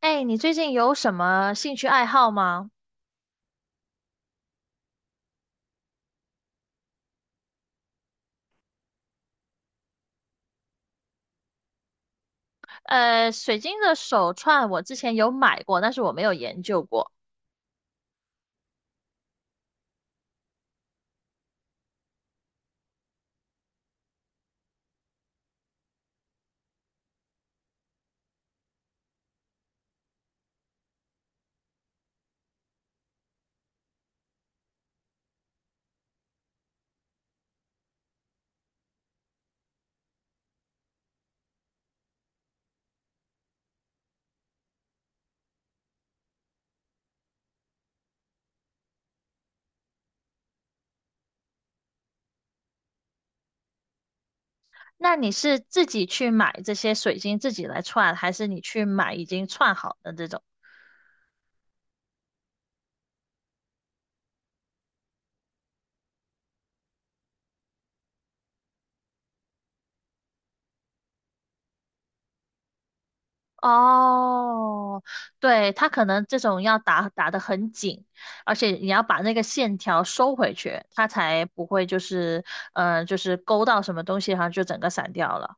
哎，你最近有什么兴趣爱好吗？水晶的手串我之前有买过，但是我没有研究过。那你是自己去买这些水晶自己来串，还是你去买已经串好的这种？哦，对，它可能这种要打打得很紧，而且你要把那个线条收回去，它才不会就是，就是勾到什么东西，然后就整个散掉了。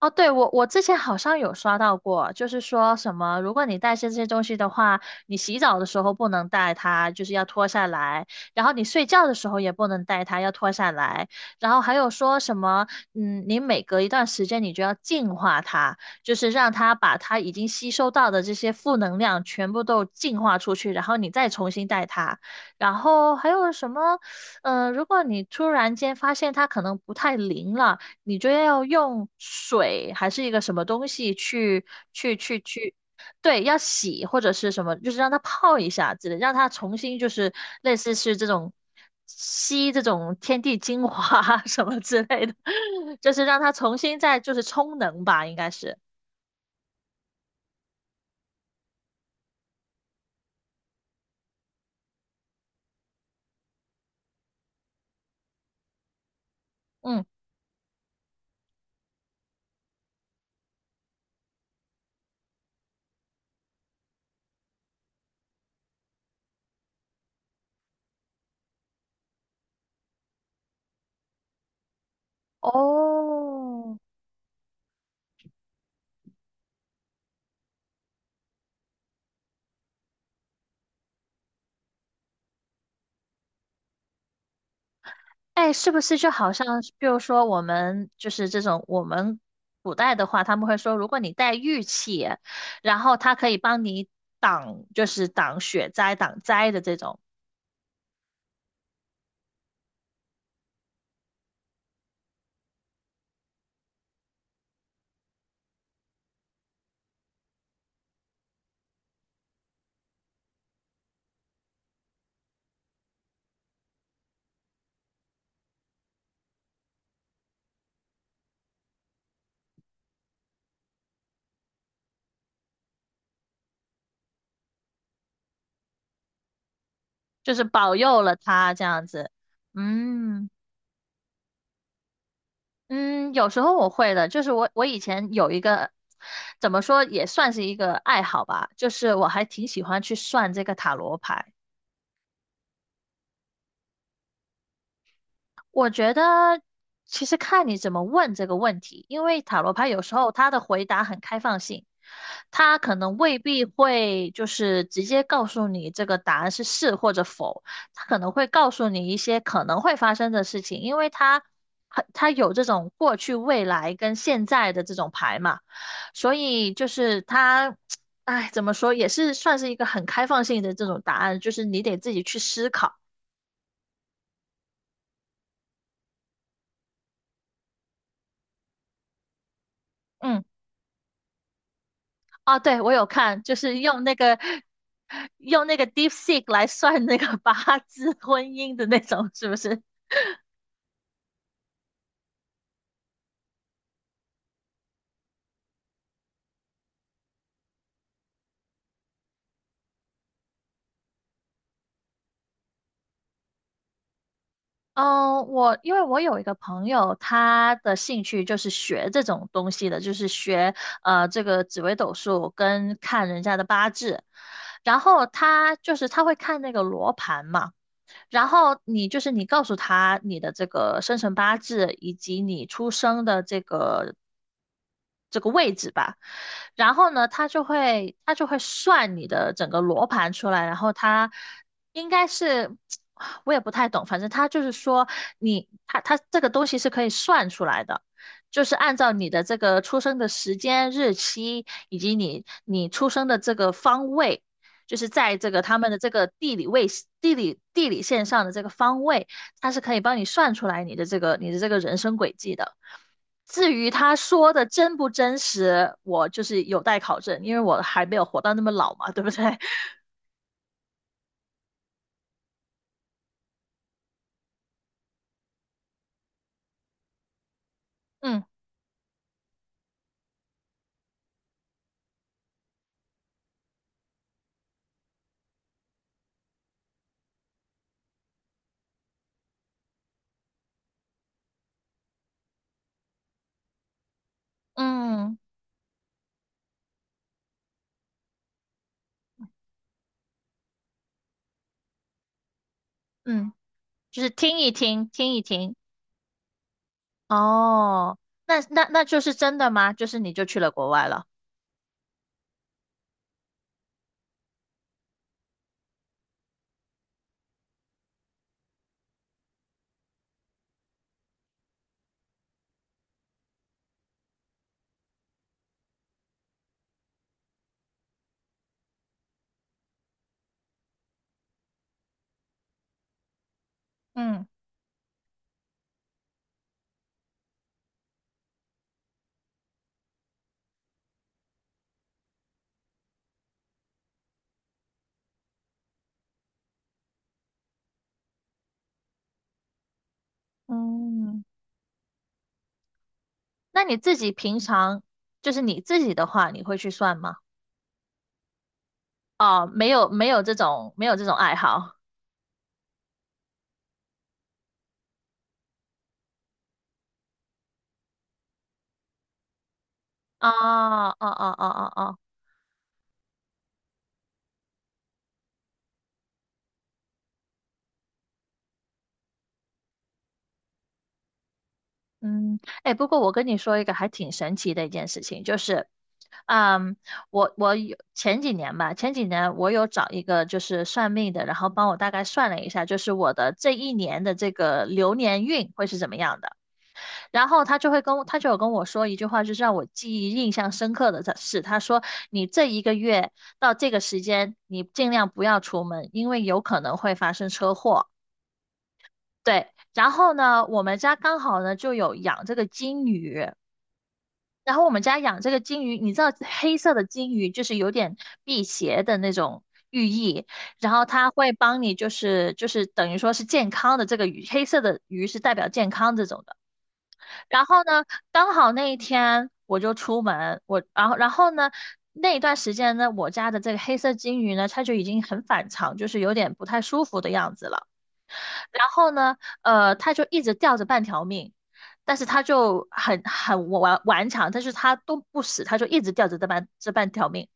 哦，对，我之前好像有刷到过，就是说什么，如果你带这些东西的话，你洗澡的时候不能带它，就是要脱下来；然后你睡觉的时候也不能带它，要脱下来。然后还有说什么，嗯，你每隔一段时间你就要净化它，就是让它把它已经吸收到的这些负能量全部都净化出去，然后你再重新带它。然后还有什么，嗯，如果你突然间发现它可能不太灵了。你就要用水还是一个什么东西去，去对，要洗或者是什么，就是让它泡一下之类，让它重新就是类似是这种吸这种天地精华 什么之类的，就是让它重新再就是充能吧，应该是，嗯，哦，哎，是不是就好像是比如说我们就是这种我们古代的话，他们会说，如果你带玉器，然后它可以帮你挡，就是挡雪灾、挡灾的这种，就是保佑了他这样子。嗯嗯，有时候我会的，就是我以前有一个怎么说也算是一个爱好吧，就是我还挺喜欢去算这个塔罗牌。我觉得其实看你怎么问这个问题，因为塔罗牌有时候它的回答很开放性，它可能未必会就是直接告诉你这个答案是是或者否，它可能会告诉你一些可能会发生的事情，因为它很它有这种过去、未来跟现在的这种牌嘛，所以就是它，哎，怎么说也是算是一个很开放性的这种答案，就是你得自己去思考。嗯。啊，对，我有看，就是用那个 DeepSeek 来算那个八字婚姻的那种，是不是？嗯，我因为我有一个朋友，他的兴趣就是学这种东西的，就是学这个紫微斗数跟看人家的八字，然后他就是他会看那个罗盘嘛。然后你就是你告诉他你的这个生辰八字以及你出生的这个位置吧，然后呢，他就会算你的整个罗盘出来，然后他应该是 我也不太懂，反正他就是说你他这个东西是可以算出来的。就是按照你的这个出生的时间、日期，以及你出生的这个方位，就是在这个他们的这个地理线上的这个方位，它是可以帮你算出来你的这个人生轨迹的。至于他说的真不真实，我就是有待考证，因为我还没有活到那么老嘛，对不对？嗯嗯嗯，就是听一听，听一听。哦，那那就是真的吗？就是你就去了国外了。嗯嗯，那你自己平常就是你自己的话，你会去算吗？哦，没有没有这种爱好。哦哦哦哦哦哦，嗯，哎，不过我跟你说一个还挺神奇的一件事情，就是，嗯，我有前几年吧，前几年我有找一个就是算命的，然后帮我大概算了一下，就是我的这一年的这个流年运会是怎么样的。然后他就有跟我说一句话，就是让我记忆印象深刻的是，他说你这一个月到这个时间，你尽量不要出门，因为有可能会发生车祸。对，然后呢，我们家刚好呢就有养这个金鱼，然后我们家养这个金鱼，你知道黑色的金鱼就是有点辟邪的那种寓意，然后它会帮你就是等于说是健康的这个鱼，黑色的鱼是代表健康这种的。然后呢，刚好那一天我就出门，我然后呢，那一段时间呢，我家的这个黑色金鱼呢，它就已经很反常，就是有点不太舒服的样子了。然后呢，呃，它就一直吊着半条命，但是它就很顽强，但是它都不死，它就一直吊着这半条命。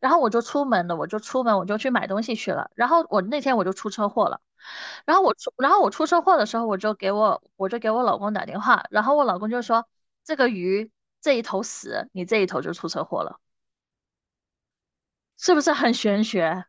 然后我就出门了，我就去买东西去了。然后我那天我就出车祸了。然后我出车祸的时候，我就给我老公打电话，然后我老公就说这个鱼这一头死，你这一头就出车祸了，是不是很玄学？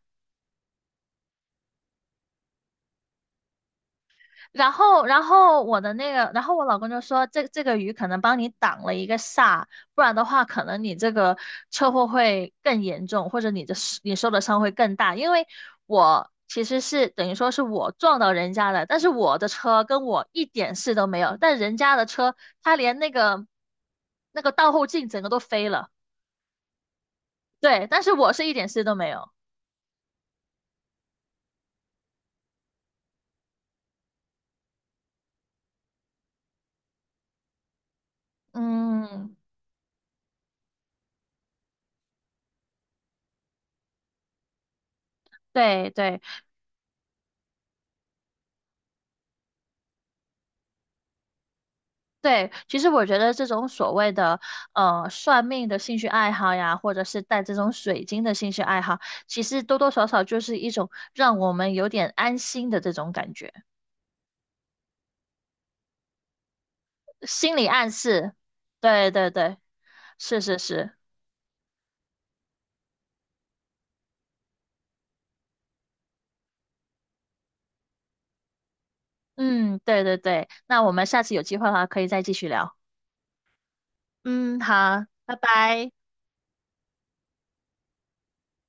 然后我的那个，然后我老公就说，这个鱼可能帮你挡了一个煞，不然的话，可能你这个车祸会更严重，或者你受的伤会更大。因为我其实是等于说是我撞到人家的，但是我的车跟我一点事都没有，但人家的车，他连那个倒后镜整个都飞了，对，但是我是一点事都没有。嗯，对对。对，其实我觉得这种所谓的算命的兴趣爱好呀，或者是带这种水晶的兴趣爱好，其实多多少少就是一种让我们有点安心的这种感觉，心理暗示。对对对，是是是，嗯，对对对。那我们下次有机会的话，可以再继续聊。嗯，好，拜拜。